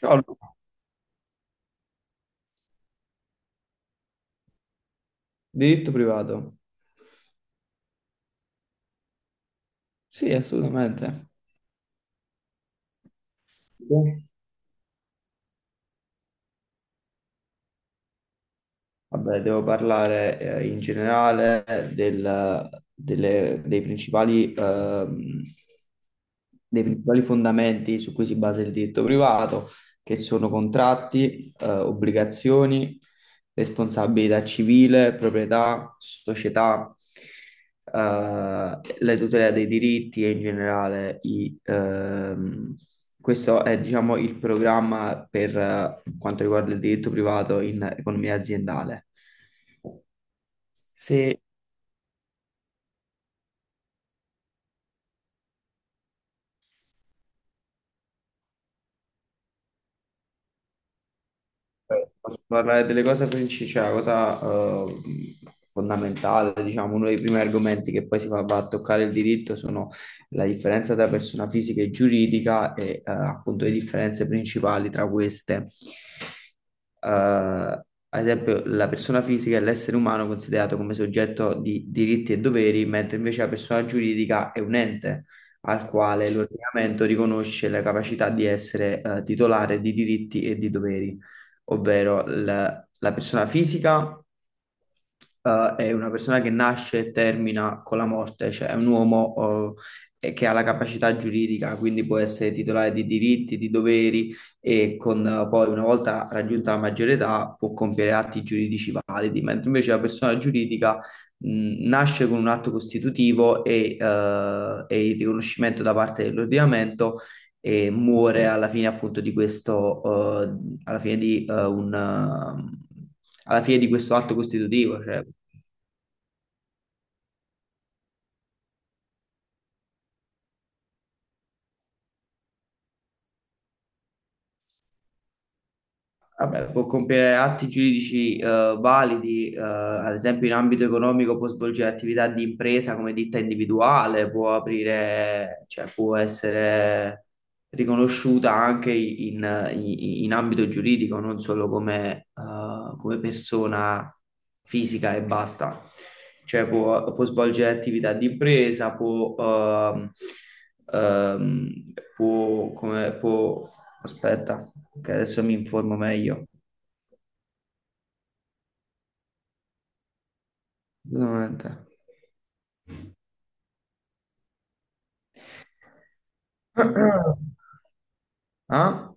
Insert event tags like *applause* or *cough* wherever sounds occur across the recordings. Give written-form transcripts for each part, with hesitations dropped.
Ciao, diritto privato. Sì, assolutamente. Vabbè, devo parlare in generale del- delle- dei principali, ehm, dei principali fondamenti su cui si basa il diritto privato, che sono contratti, obbligazioni, responsabilità civile, proprietà, società, eh, la tutela dei diritti e in generale i. Questo è, diciamo, il programma per quanto riguarda il diritto privato in economia aziendale. Sì, posso parlare delle cose principali, cioè la cosa eh, fondamentale, diciamo. Uno dei primi argomenti che poi va a toccare il diritto sono la differenza tra persona fisica e giuridica e appunto le differenze principali tra queste. Eh, Ad esempio, la persona fisica è l'essere umano considerato come soggetto di diritti e doveri, mentre invece la persona giuridica è un ente al quale l'ordinamento riconosce la capacità di essere titolare di diritti e di doveri, ovvero la persona fisica è una persona che nasce e termina con la morte, cioè è un uomo che ha la capacità giuridica, quindi può essere titolare di diritti, di doveri e con, poi una volta raggiunta la maggiore età può compiere atti giuridici validi, mentre invece la persona giuridica nasce con un atto costitutivo e il riconoscimento da parte dell'ordinamento e muore alla fine appunto di questo, eh, alla fine di eh, un, eh, alla fine di questo atto costitutivo, cioè. Vabbè, può compiere atti giuridici validi. Eh, ad esempio in ambito economico può svolgere attività di impresa come ditta individuale, può aprire, cioè può essere riconosciuta anche in ambito giuridico, non solo come, come persona fisica e basta. Cioè può, può svolgere attività di impresa, può, ehm, può, come, può. Aspetta, che adesso mi informo meglio. Assolutamente. *clears throat* Ah?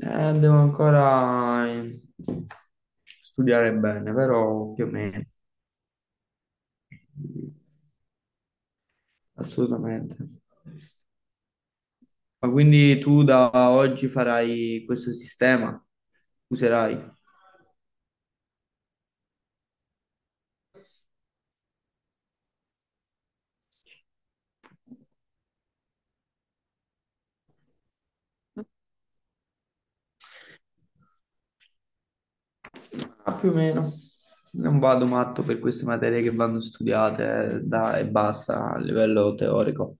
Devo ancora studiare bene, però più o meno. Assolutamente. Ma quindi tu da oggi farai questo sistema? Userai? Ah, più o meno. Non vado matto per queste materie che vanno studiate e basta a livello teorico.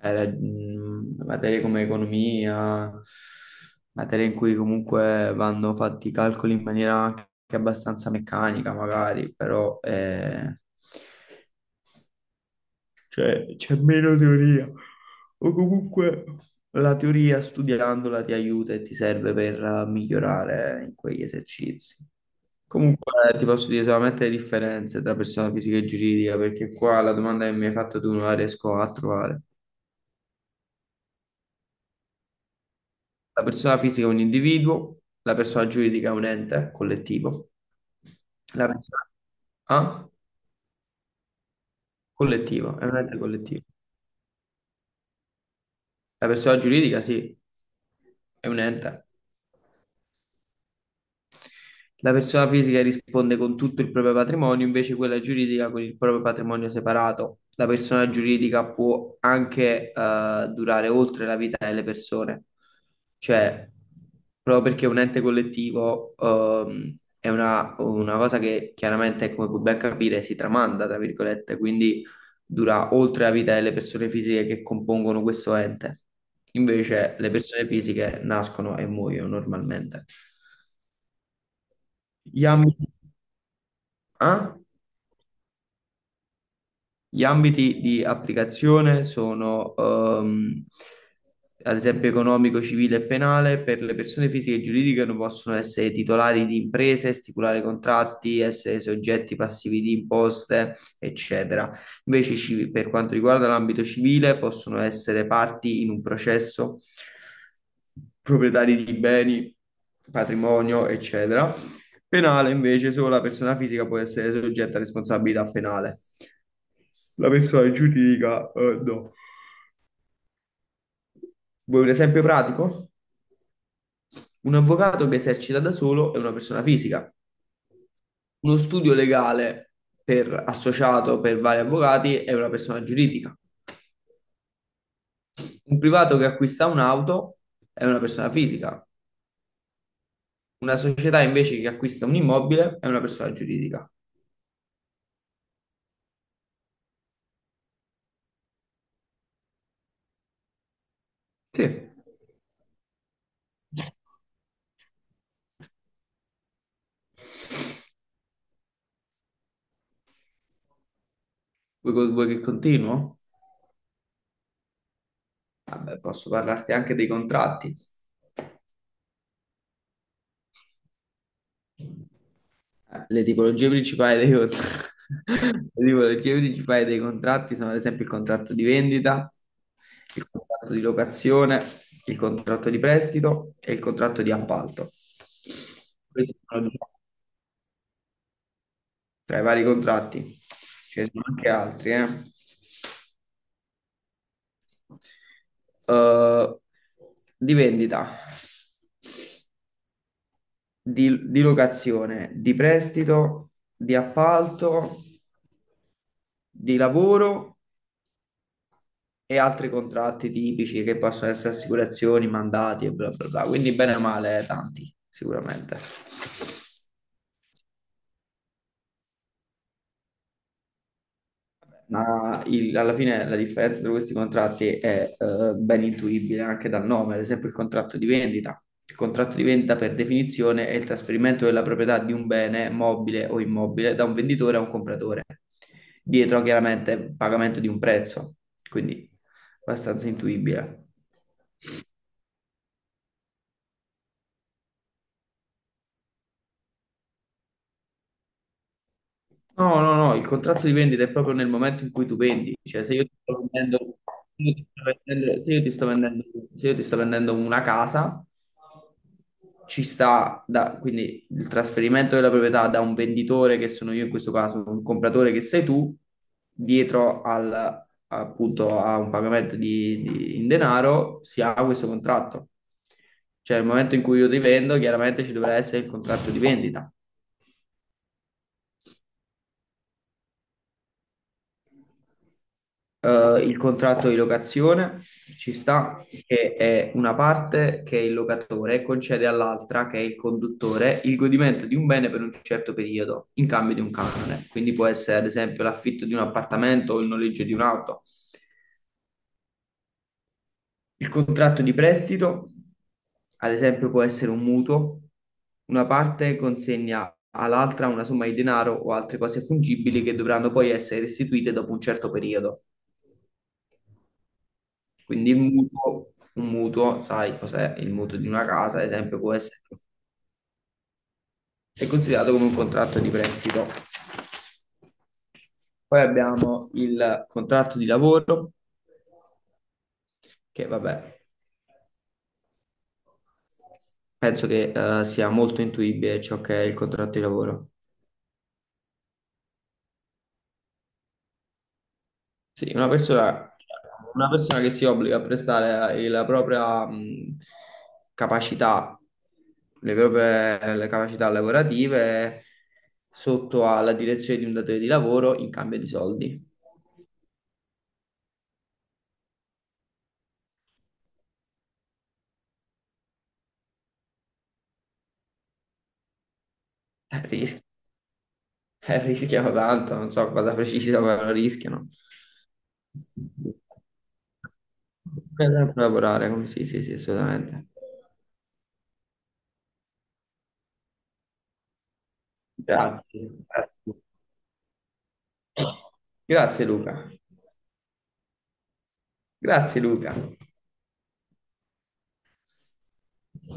Era, materie come economia, materie in cui comunque vanno fatti i calcoli in maniera anche abbastanza meccanica, magari, però cioè, c'è meno teoria. O comunque la teoria studiandola ti aiuta e ti serve per migliorare in quegli esercizi. Comunque ti posso dire solamente le differenze tra persona fisica e giuridica, perché qua la domanda che mi hai fatto tu non la riesco a trovare. La persona fisica è un individuo, la persona giuridica è un ente collettivo. La persona... Ah? Collettivo, è un ente collettivo. La persona giuridica, sì, è un ente. La persona fisica risponde con tutto il proprio patrimonio, invece quella giuridica con il proprio patrimonio separato. La persona giuridica può anche durare oltre la vita delle persone, cioè proprio perché è un ente collettivo, è una cosa che chiaramente, come puoi ben capire, si tramanda, tra virgolette, quindi dura oltre la vita delle persone fisiche che compongono questo ente. Invece le persone fisiche nascono e muoiono normalmente. Gli ambiti a. Gli ambiti di applicazione sono, ad esempio, economico, civile e penale. Per le persone fisiche e giuridiche non possono essere titolari di imprese, stipulare contratti, essere soggetti passivi di imposte, eccetera. Invece, per quanto riguarda l'ambito civile, possono essere parti in un processo, proprietari di beni, patrimonio, eccetera. Penale invece, solo la persona fisica può essere soggetta a responsabilità penale. La persona giuridica, no. Vuoi un esempio pratico? Un avvocato che esercita da solo è una persona fisica. Uno studio legale per associato per vari avvocati è una persona giuridica. Un privato che acquista un'auto è una persona fisica. Una società invece che acquista un immobile è una persona giuridica. Sì. Vuoi, vuoi che continuo? Vabbè, posso parlarti anche dei contratti. Le tipologie principali *laughs* le tipologie principali dei contratti sono ad esempio il contratto di vendita, il contratto di locazione, il contratto di prestito e il contratto di appalto. Questi sono diciamo, tra i vari contratti, ce ne sono anche altri, eh. Eh, di vendita, di locazione, di prestito, di appalto, di lavoro e altri contratti tipici che possono essere assicurazioni, mandati e bla bla bla. Quindi bene o male tanti, sicuramente. Ma alla fine la differenza tra questi contratti è ben intuibile anche dal nome, ad esempio il contratto di vendita. Il contratto di vendita per definizione è il trasferimento della proprietà di un bene mobile o immobile da un venditore a un compratore, dietro chiaramente pagamento di un prezzo, quindi abbastanza intuibile. No, no, no, il contratto di vendita è proprio nel momento in cui tu vendi, cioè se io ti sto vendendo, se io ti sto vendendo, se io ti sto vendendo- se io ti sto vendendo una casa, quindi il trasferimento della proprietà da un venditore, che sono io in questo caso, un compratore che sei tu, dietro al, appunto a un pagamento in denaro, si ha questo contratto. Cioè nel momento in cui io ti vendo, chiaramente ci dovrà essere il contratto di vendita. Eh, il contratto di locazione, ci sta, che è una parte, che è il locatore, concede all'altra, che è il conduttore, il godimento di un bene per un certo periodo, in cambio di un canone. Quindi può essere ad esempio l'affitto di un appartamento o il noleggio di un'auto. Il contratto di prestito, ad esempio, può essere un mutuo. Una parte consegna all'altra una somma di denaro o altre cose fungibili che dovranno poi essere restituite dopo un certo periodo. Quindi il mutuo, un mutuo, sai cos'è? Il mutuo di una casa, ad esempio, può essere, è considerato come un contratto di prestito. Poi abbiamo il contratto di lavoro, che vabbè, penso che sia molto intuibile ciò che è il contratto di lavoro. Sì, una persona che si obbliga a prestare la propria capacità, le capacità lavorative sotto alla direzione di un datore di lavoro in cambio di soldi. Eh, ris- rischiano tanto, non so cosa precisa, ma rischiano. Bisogna sempre sì, sì, sì, assolutamente. Grazie. Grazie. Grazie, Luca. Grazie Luca.